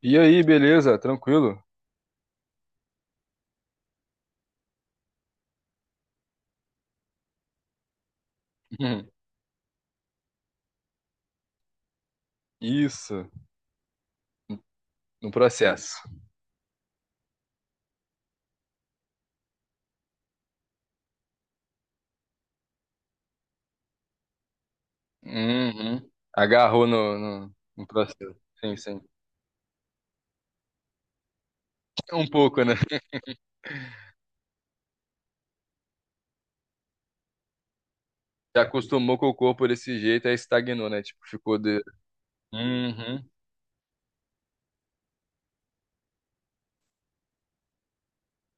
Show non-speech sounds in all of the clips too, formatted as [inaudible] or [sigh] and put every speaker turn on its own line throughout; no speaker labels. E aí, beleza? Tranquilo? Uhum. Isso, no processo. Uhum. Agarrou no processo. Sim, sim. Um pouco, né? Já acostumou com o corpo desse jeito, aí estagnou, né? Tipo, ficou de. Uhum.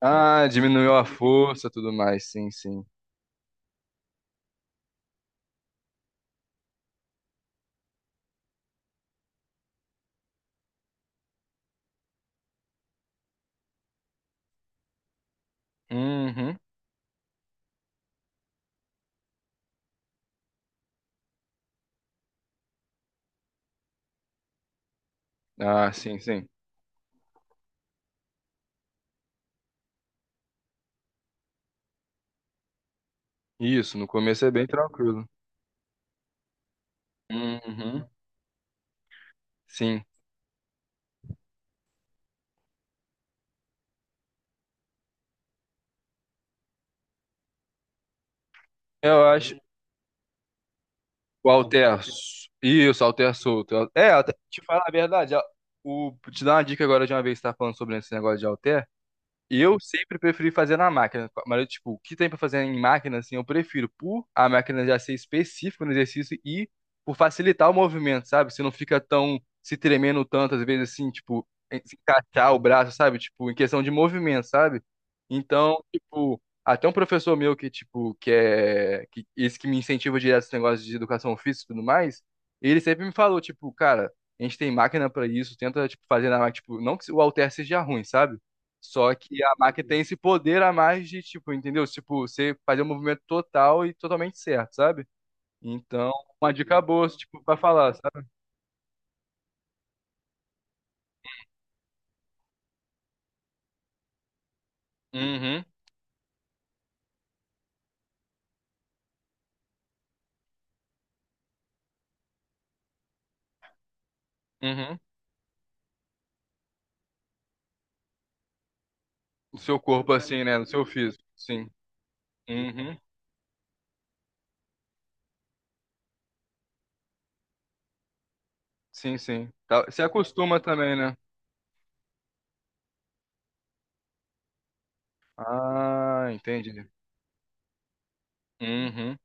Ah, diminuiu a força, tudo mais. Sim, sim. Uhum. Ah, sim, sim. Isso, no começo é bem tranquilo. Uhum. Sim. Eu acho, o Alter. Isso, Alter solto. É, te falar a verdade, te dar uma dica agora de uma vez que você tá falando sobre esse negócio de Alter. Eu sempre preferi fazer na máquina, mas eu, tipo, o que tem pra fazer em máquina, assim, eu prefiro por a máquina já ser específica no exercício e por facilitar o movimento, sabe? Você não fica tão se tremendo tanto, às vezes, assim, tipo, se encaixar o braço, sabe? Tipo, em questão de movimento, sabe? Então, tipo, até um professor meu que, tipo, esse que me incentiva direto esse negócio de educação física e tudo mais, ele sempre me falou, tipo, cara, a gente tem máquina pra isso, tenta, tipo, fazer na máquina, tipo, não que o halter seja ruim, sabe? Só que a máquina tem esse poder a mais de, tipo, entendeu? Tipo, você fazer um movimento total e totalmente certo, sabe? Então, uma dica boa, tipo, pra falar, sabe? Uhum, uhum. O seu corpo, assim, né? No seu físico, sim. Uhum, sim, sim. Você acostuma também, né? Ah, entendi. Uhum,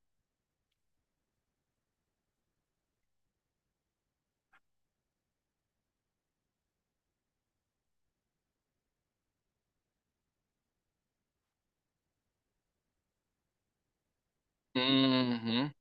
uhum.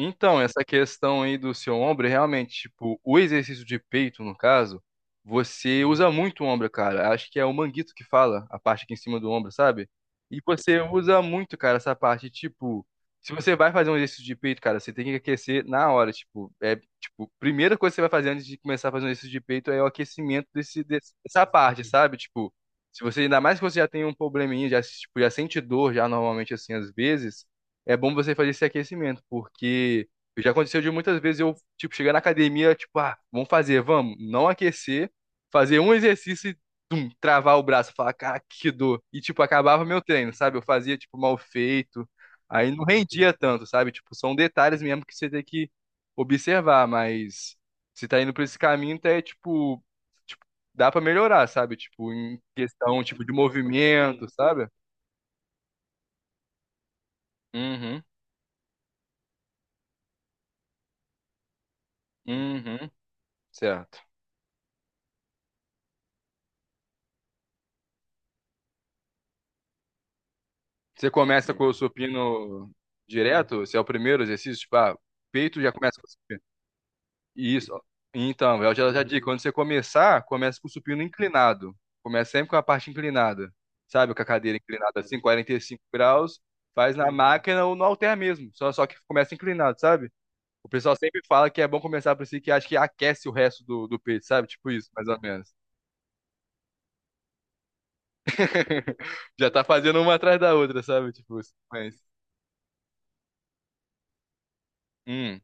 Então, essa questão aí do seu ombro, realmente, tipo, o exercício de peito, no caso, você usa muito o ombro, cara. Acho que é o manguito que fala, a parte aqui em cima do ombro, sabe? E você usa muito, cara, essa parte, tipo, se você vai fazer um exercício de peito, cara, você tem que aquecer na hora, tipo, é, tipo, primeira coisa que você vai fazer antes de começar a fazer um exercício de peito é o aquecimento dessa parte, sabe? Tipo, se você, ainda mais que você já tem um probleminha, já, tipo, já sente dor já normalmente, assim, às vezes, é bom você fazer esse aquecimento, porque já aconteceu de muitas vezes eu, tipo, chegar na academia, tipo, ah, vamos fazer, vamos, não aquecer, fazer um exercício e travar o braço, falar, cara, que dor. E, tipo, acabava meu treino, sabe? Eu fazia, tipo, mal feito, aí não rendia tanto, sabe? Tipo, são detalhes mesmo que você tem que observar, mas se tá indo por esse caminho, tá, é, tipo, tipo, dá pra melhorar, sabe? Tipo, em questão, tipo, de movimento, sabe? Uhum, uhum, certo. Você começa com o supino direto, se é o primeiro exercício, tipo, ah, peito já começa com o supino. Isso. Ó. Então, eu já digo, quando você começar, começa com o supino inclinado. Começa sempre com a parte inclinada. Sabe, com a cadeira inclinada assim, 45 graus, faz na máquina ou no halter mesmo. Só que começa inclinado, sabe? O pessoal sempre fala que é bom começar por si, que acho que aquece o resto do peito, sabe? Tipo isso, mais ou menos. [laughs] Já tá fazendo uma atrás da outra, sabe? Tipo, mas. Hum.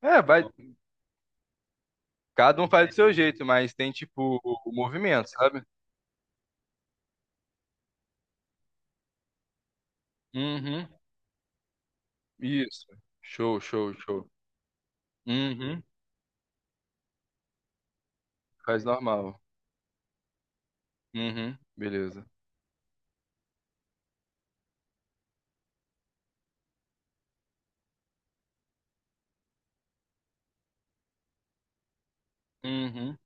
É, vai. Cada um faz do seu jeito, mas tem tipo o movimento, sabe? Uhum. Isso. Show, show, show. Uhum. Faz normal. Uhum. Beleza. Uhum.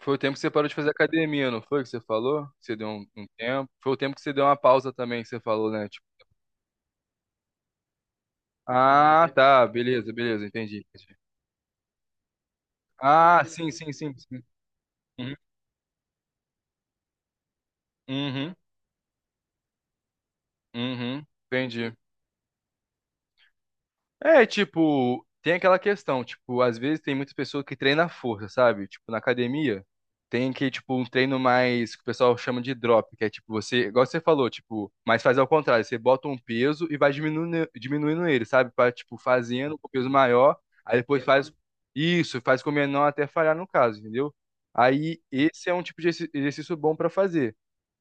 Foi o tempo que você parou de fazer academia, não foi que você falou? Que você deu um tempo. Foi o tempo que você deu uma pausa também, que você falou, né? Tipo, ah, tá, beleza, beleza, entendi. Entendi. Ah, sim, sim, sim, sim. Uhum, uhum, uhum, entendi. É, tipo, tem aquela questão, tipo, às vezes tem muitas pessoas que treinam a força, sabe? Tipo, na academia, tem que, tipo, um treino mais, que o pessoal chama de drop, que é tipo, você, igual você falou, tipo, mas faz ao contrário, você bota um peso e vai diminuindo, diminuindo ele, sabe? Pra, tipo, fazendo com peso maior, aí depois faz isso, faz com o menor até falhar no caso, entendeu? Aí, esse é um tipo de exercício bom pra fazer.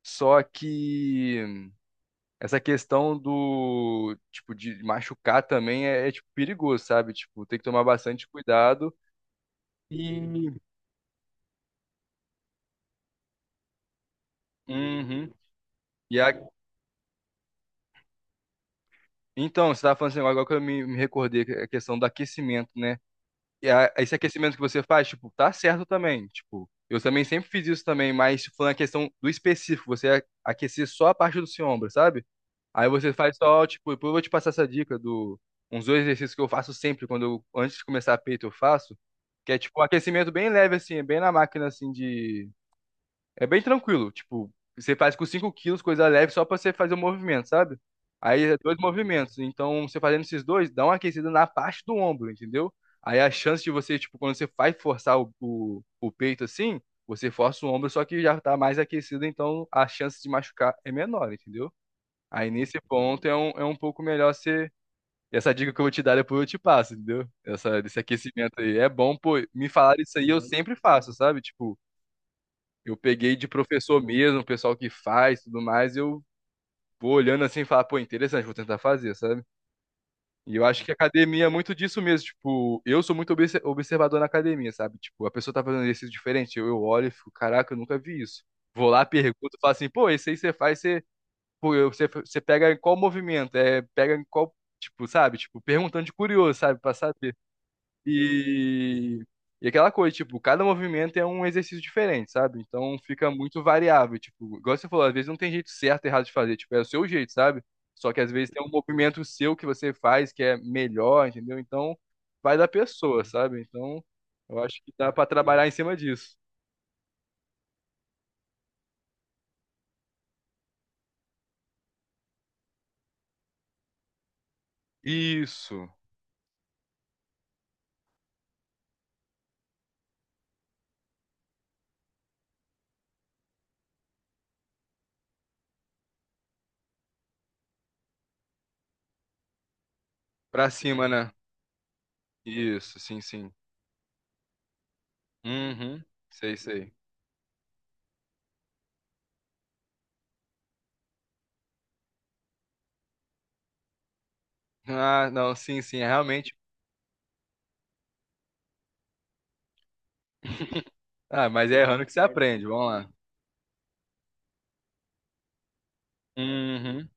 Só que essa questão do, tipo, de machucar também é, tipo, perigoso, sabe? Tipo, tem que tomar bastante cuidado. E... Uhum. E a... Então, você tava falando assim, agora que eu me recordei, a questão do aquecimento, né? E a, esse aquecimento que você faz, tipo, tá certo também. Tipo, eu também sempre fiz isso também, mas tipo, falando a questão do específico, você aquecer só a parte do seu ombro, sabe? Aí você faz só, tipo, depois eu vou te passar essa dica do uns dois exercícios que eu faço sempre quando eu antes de começar a peito eu faço, que é tipo um aquecimento bem leve assim, é bem na máquina assim de é bem tranquilo, tipo, você faz com 5 quilos, coisa leve só pra você fazer o movimento, sabe? Aí é dois movimentos, então você fazendo esses dois, dá uma aquecida na parte do ombro, entendeu? Aí a chance de você, tipo, quando você vai forçar o peito assim, você força o ombro, só que já tá mais aquecido, então a chance de machucar é menor, entendeu? Aí nesse ponto é um pouco melhor ser. Essa dica que eu vou te dar depois eu te passo, entendeu? Essa, desse aquecimento aí. É bom, pô, me falar isso aí, eu sempre faço, sabe? Tipo, eu peguei de professor mesmo, o pessoal que faz tudo mais, eu vou olhando assim e falar, pô, interessante, vou tentar fazer, sabe? E eu acho que a academia é muito disso mesmo, tipo, eu sou muito observador na academia, sabe? Tipo, a pessoa tá fazendo exercício diferente, eu olho e fico, caraca, eu nunca vi isso. Vou lá, pergunto, falo assim, pô, esse aí você faz, pô, você, pega em qual movimento, é, pega em qual, tipo, sabe? Tipo, perguntando de curioso, sabe? Pra saber. E, e aquela coisa, tipo, cada movimento é um exercício diferente, sabe? Então fica muito variável, tipo, igual você falou, às vezes não tem jeito certo e errado de fazer, tipo, é o seu jeito, sabe? Só que às vezes tem um movimento seu que você faz que é melhor, entendeu? Então vai da pessoa, sabe? Então eu acho que dá pra trabalhar em cima disso. Isso, pra cima, né? Isso, sim, sim. Uhum, sei, sei. Ah, não, sim, sim, é realmente. Ah, mas é errando que você aprende, vamos lá. Uhum.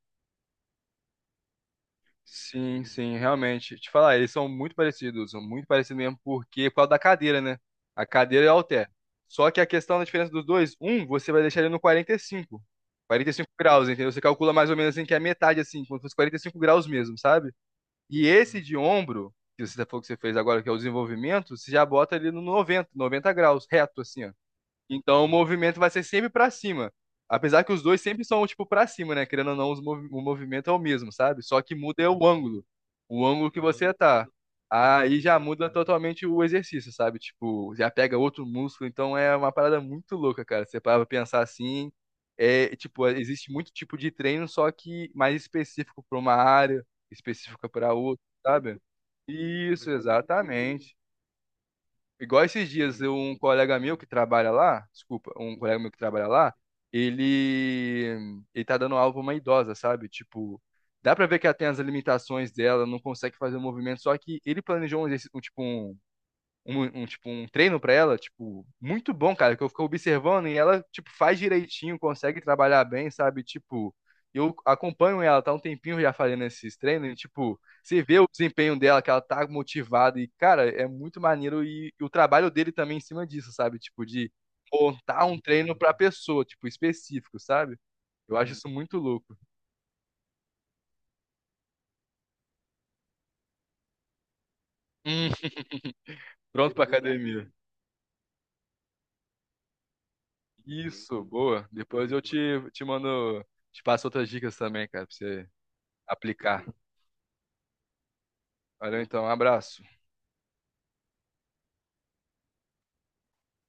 Sim, sim, realmente. Te falar, eles são muito parecidos mesmo, porque por causa da cadeira, né? A cadeira é o halter. Só que a questão da diferença dos dois, um, você vai deixar ele no quarenta e cinco, 45 graus, entendeu? Você calcula mais ou menos assim que é a metade, assim, quando fosse 45 graus mesmo, sabe? E esse de ombro, que você falou que você fez agora, que é o desenvolvimento, você já bota ele no 90 graus, reto, assim, ó. Então o movimento vai ser sempre pra cima. Apesar que os dois sempre são, tipo, pra cima, né? Querendo ou não, o movimento é o mesmo, sabe? Só que muda é o ângulo. O ângulo que você tá. Aí já muda totalmente o exercício, sabe? Tipo, já pega outro músculo. Então é uma parada muito louca, cara. Você para pra pensar assim. É, tipo, existe muito tipo de treino, só que mais específico pra uma área, específica pra outra, sabe? Isso, exatamente. Igual esses dias, um colega meu que trabalha lá, desculpa, um colega meu que trabalha lá, ele tá dando aula pra uma idosa, sabe? Tipo, dá pra ver que ela tem as limitações dela, não consegue fazer o movimento, só que ele planejou um exercício, um treino pra ela, tipo, muito bom, cara, que eu fico observando e ela, tipo, faz direitinho, consegue trabalhar bem, sabe? Tipo, eu acompanho ela, tá um tempinho já fazendo esses treinos e, tipo, você vê o desempenho dela, que ela tá motivada e, cara, é muito maneiro e o trabalho dele também em cima disso, sabe? Tipo, de montar um treino pra pessoa, tipo, específico, sabe? Eu acho isso muito louco. Hum, Pronto pra academia. Isso, boa. Depois eu te mando, te passo outras dicas também, cara, pra você aplicar. Valeu, então, um abraço.